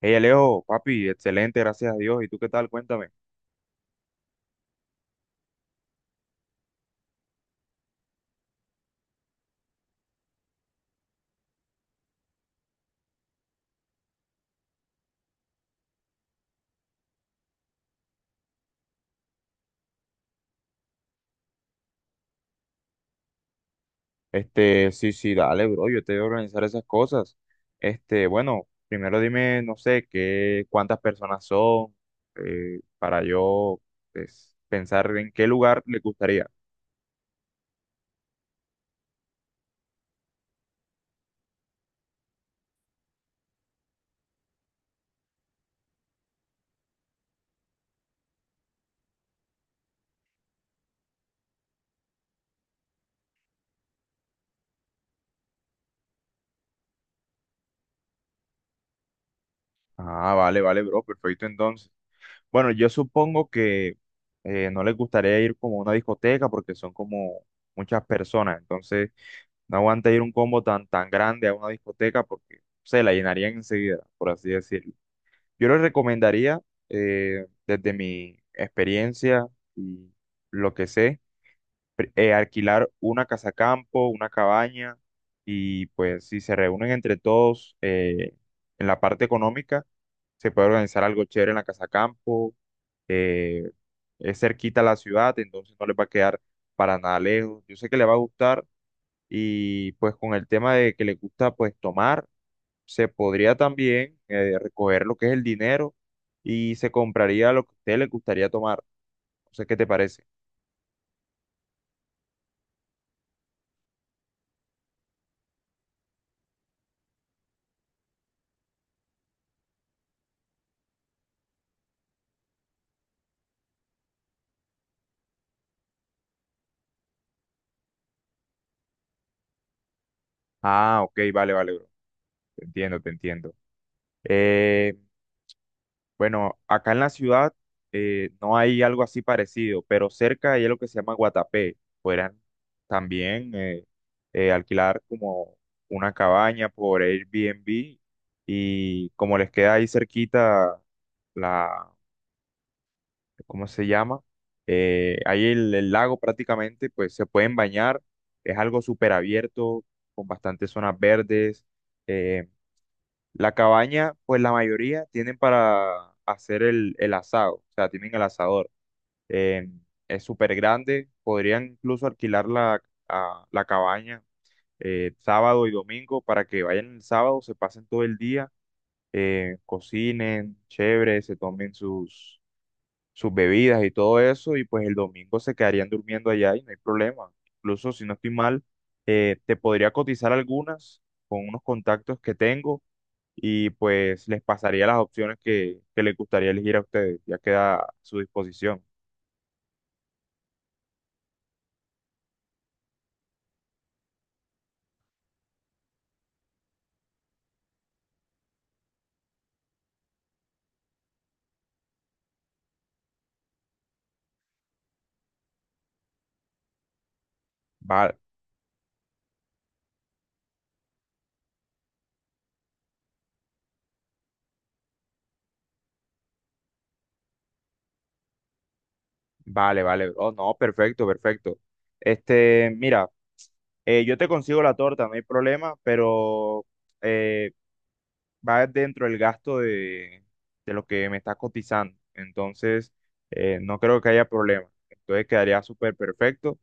Hey Alejo, papi, excelente, gracias a Dios. ¿Y tú qué tal? Cuéntame. Sí, sí, dale, bro, yo te voy a organizar esas cosas. Bueno, primero dime, no sé, qué, cuántas personas son, para yo, pues, pensar en qué lugar le gustaría. Ah, vale, vale, bro, perfecto entonces. Bueno, yo supongo que no les gustaría ir como a una discoteca porque son como muchas personas, entonces no aguanta ir un combo tan, tan grande a una discoteca porque se la llenarían enseguida, por así decirlo. Yo les recomendaría, desde mi experiencia y lo que sé, alquilar una casa campo, una cabaña, y pues si se reúnen entre todos en la parte económica, se puede organizar algo chévere en la casa campo, eh, es cerquita a la ciudad, entonces no les va a quedar para nada lejos. Yo sé que les va a gustar, y pues con el tema de que le gusta pues tomar, se podría también recoger lo que es el dinero y se compraría lo que a usted le gustaría tomar. No sé qué te parece. Ah, ok, vale, vale, bro. Te entiendo, te entiendo. Bueno, acá en la ciudad no hay algo así parecido, pero cerca hay algo que se llama Guatapé. Podrían también alquilar como una cabaña por Airbnb, y como les queda ahí cerquita la, ¿cómo se llama? Ahí el lago prácticamente, pues se pueden bañar. Es algo súper abierto, con bastantes zonas verdes. eh, la cabaña, pues la mayoría tienen para hacer el asado, o sea, tienen el asador. Eh, es súper grande, podrían incluso alquilar la cabaña sábado y domingo para que vayan el sábado, se pasen todo el día, cocinen, chévere, se tomen sus bebidas y todo eso, y pues el domingo se quedarían durmiendo allá y no hay problema. Incluso si no estoy mal, te podría cotizar algunas con unos contactos que tengo, y pues les pasaría las opciones que les gustaría elegir a ustedes. Ya queda a su disposición. Vale, vale, vale, bro. No, perfecto, perfecto. Mira, yo te consigo la torta, no hay problema, pero eh, va dentro del gasto de lo que me está cotizando. Entonces, no creo que haya problema. Entonces, quedaría súper perfecto.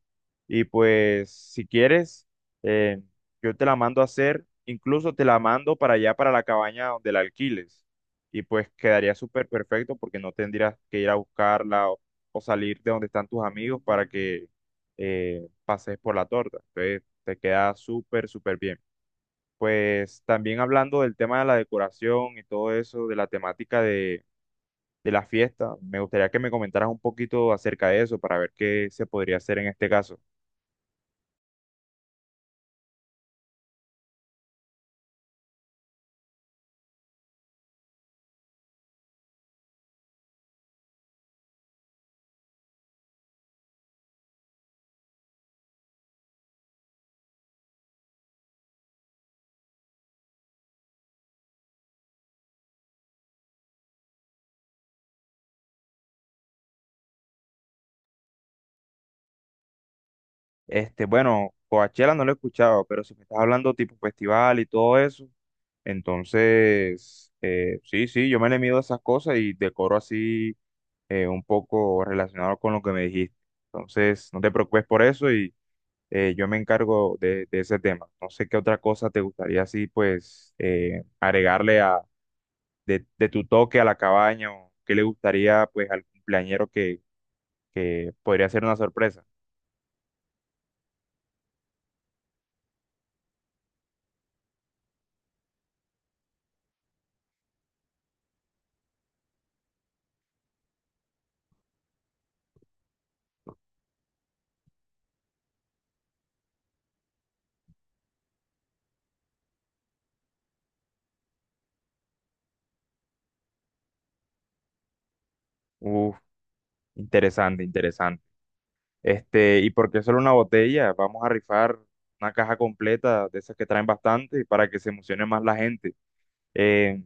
Y pues, si quieres, eh, yo te la mando a hacer, incluso te la mando para allá, para la cabaña donde la alquiles. Y pues quedaría súper perfecto porque no tendrías que ir a buscarla o salir de donde están tus amigos para que pases por la torta. Entonces, te queda súper, súper bien. Pues también hablando del tema de la decoración y todo eso, de la temática de la fiesta, me gustaría que me comentaras un poquito acerca de eso para ver qué se podría hacer en este caso. Bueno, Coachella no lo he escuchado, pero si me estás hablando tipo festival y todo eso, entonces, sí, sí, yo me le mido a esas cosas y decoro así un poco relacionado con lo que me dijiste. Entonces, no te preocupes por eso. Yo me encargo de ese tema. No sé qué otra cosa te gustaría así, pues, agregarle de tu toque a la cabaña, o qué le gustaría, pues, al cumpleañero, que podría ser una sorpresa. Uf, interesante, interesante. ¿Y por qué solo una botella? Vamos a rifar una caja completa de esas que traen bastante para que se emocione más la gente. Eh,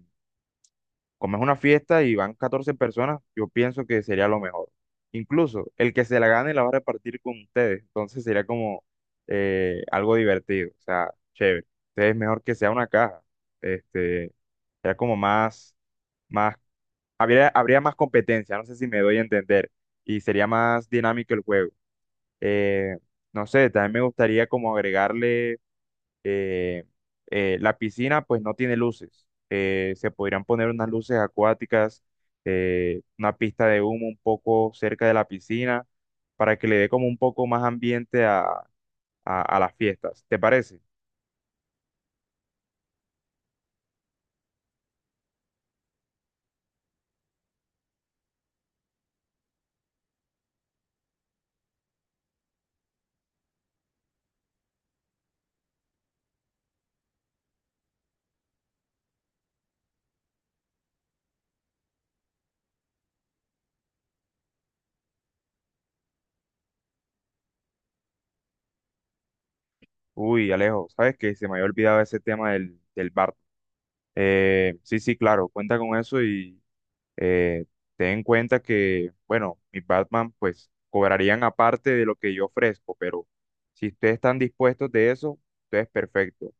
Como es una fiesta y van 14 personas, yo pienso que sería lo mejor. Incluso el que se la gane la va a repartir con ustedes, entonces sería como algo divertido, o sea, chévere. Entonces es mejor que sea una caja, este, sería como más, habría más competencia, no sé si me doy a entender, y sería más dinámico el juego. Eh, no sé, también me gustaría como agregarle eh, la piscina pues no tiene luces. Se podrían poner unas luces acuáticas, una pista de humo un poco cerca de la piscina para que le dé como un poco más ambiente a, las fiestas. ¿Te parece? Uy, Alejo, ¿sabes qué? Se me había olvidado ese tema del bar. Sí, sí, claro, cuenta con eso. Eh, Ten en cuenta que, bueno, mis Batman pues cobrarían aparte de lo que yo ofrezco, pero si ustedes están dispuestos de eso, entonces perfecto.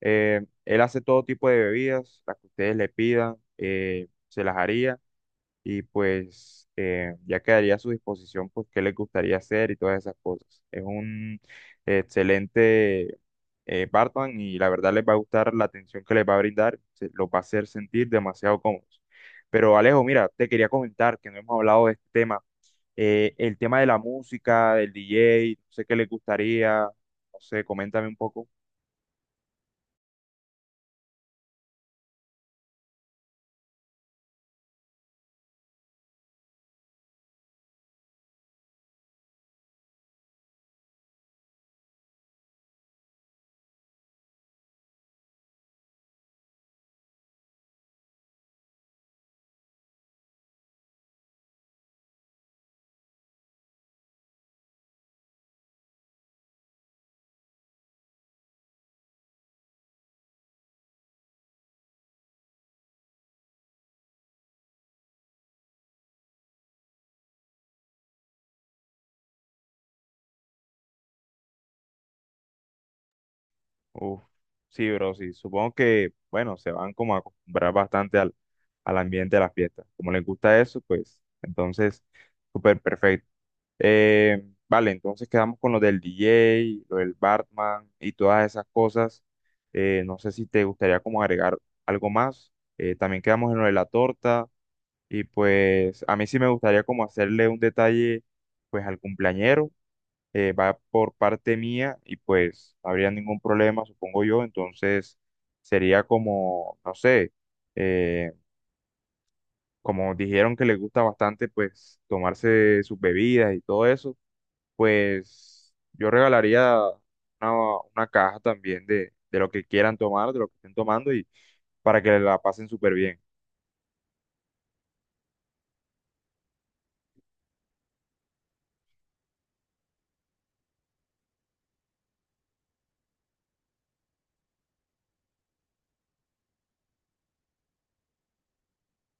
Él hace todo tipo de bebidas, las que ustedes le pidan, se las haría, y pues ya quedaría a su disposición pues qué les gustaría hacer y todas esas cosas. Es un excelente barman, y la verdad les va a gustar la atención que les va a brindar, los va a hacer sentir demasiado cómodos. Pero Alejo, mira, te quería comentar que no hemos hablado de este tema, el tema de la música, del DJ. No sé qué les gustaría, no sé, coméntame un poco. Uf, sí, bro, sí. Supongo que, bueno, se van como a acostumbrar bastante al ambiente de las fiestas. Como les gusta eso, pues, entonces, súper perfecto. Vale, entonces quedamos con lo del DJ, lo del Bartman y todas esas cosas. No sé si te gustaría como agregar algo más. También quedamos en lo de la torta, y pues a mí sí me gustaría como hacerle un detalle pues al cumpleañero. Va por parte mía y pues no habría ningún problema, supongo yo. Entonces sería como, no sé, eh, como dijeron que les gusta bastante pues tomarse sus bebidas y todo eso, pues yo regalaría una, una caja también de lo que quieran tomar, de lo que estén tomando, y para que la pasen súper bien.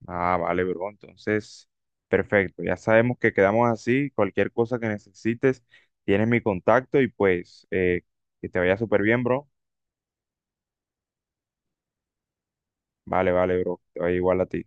Ah, vale, bro. Entonces, perfecto. Ya sabemos que quedamos así. Cualquier cosa que necesites, tienes mi contacto, y pues que te vaya súper bien, bro. Vale, vale, bro. Que te vaya igual a ti.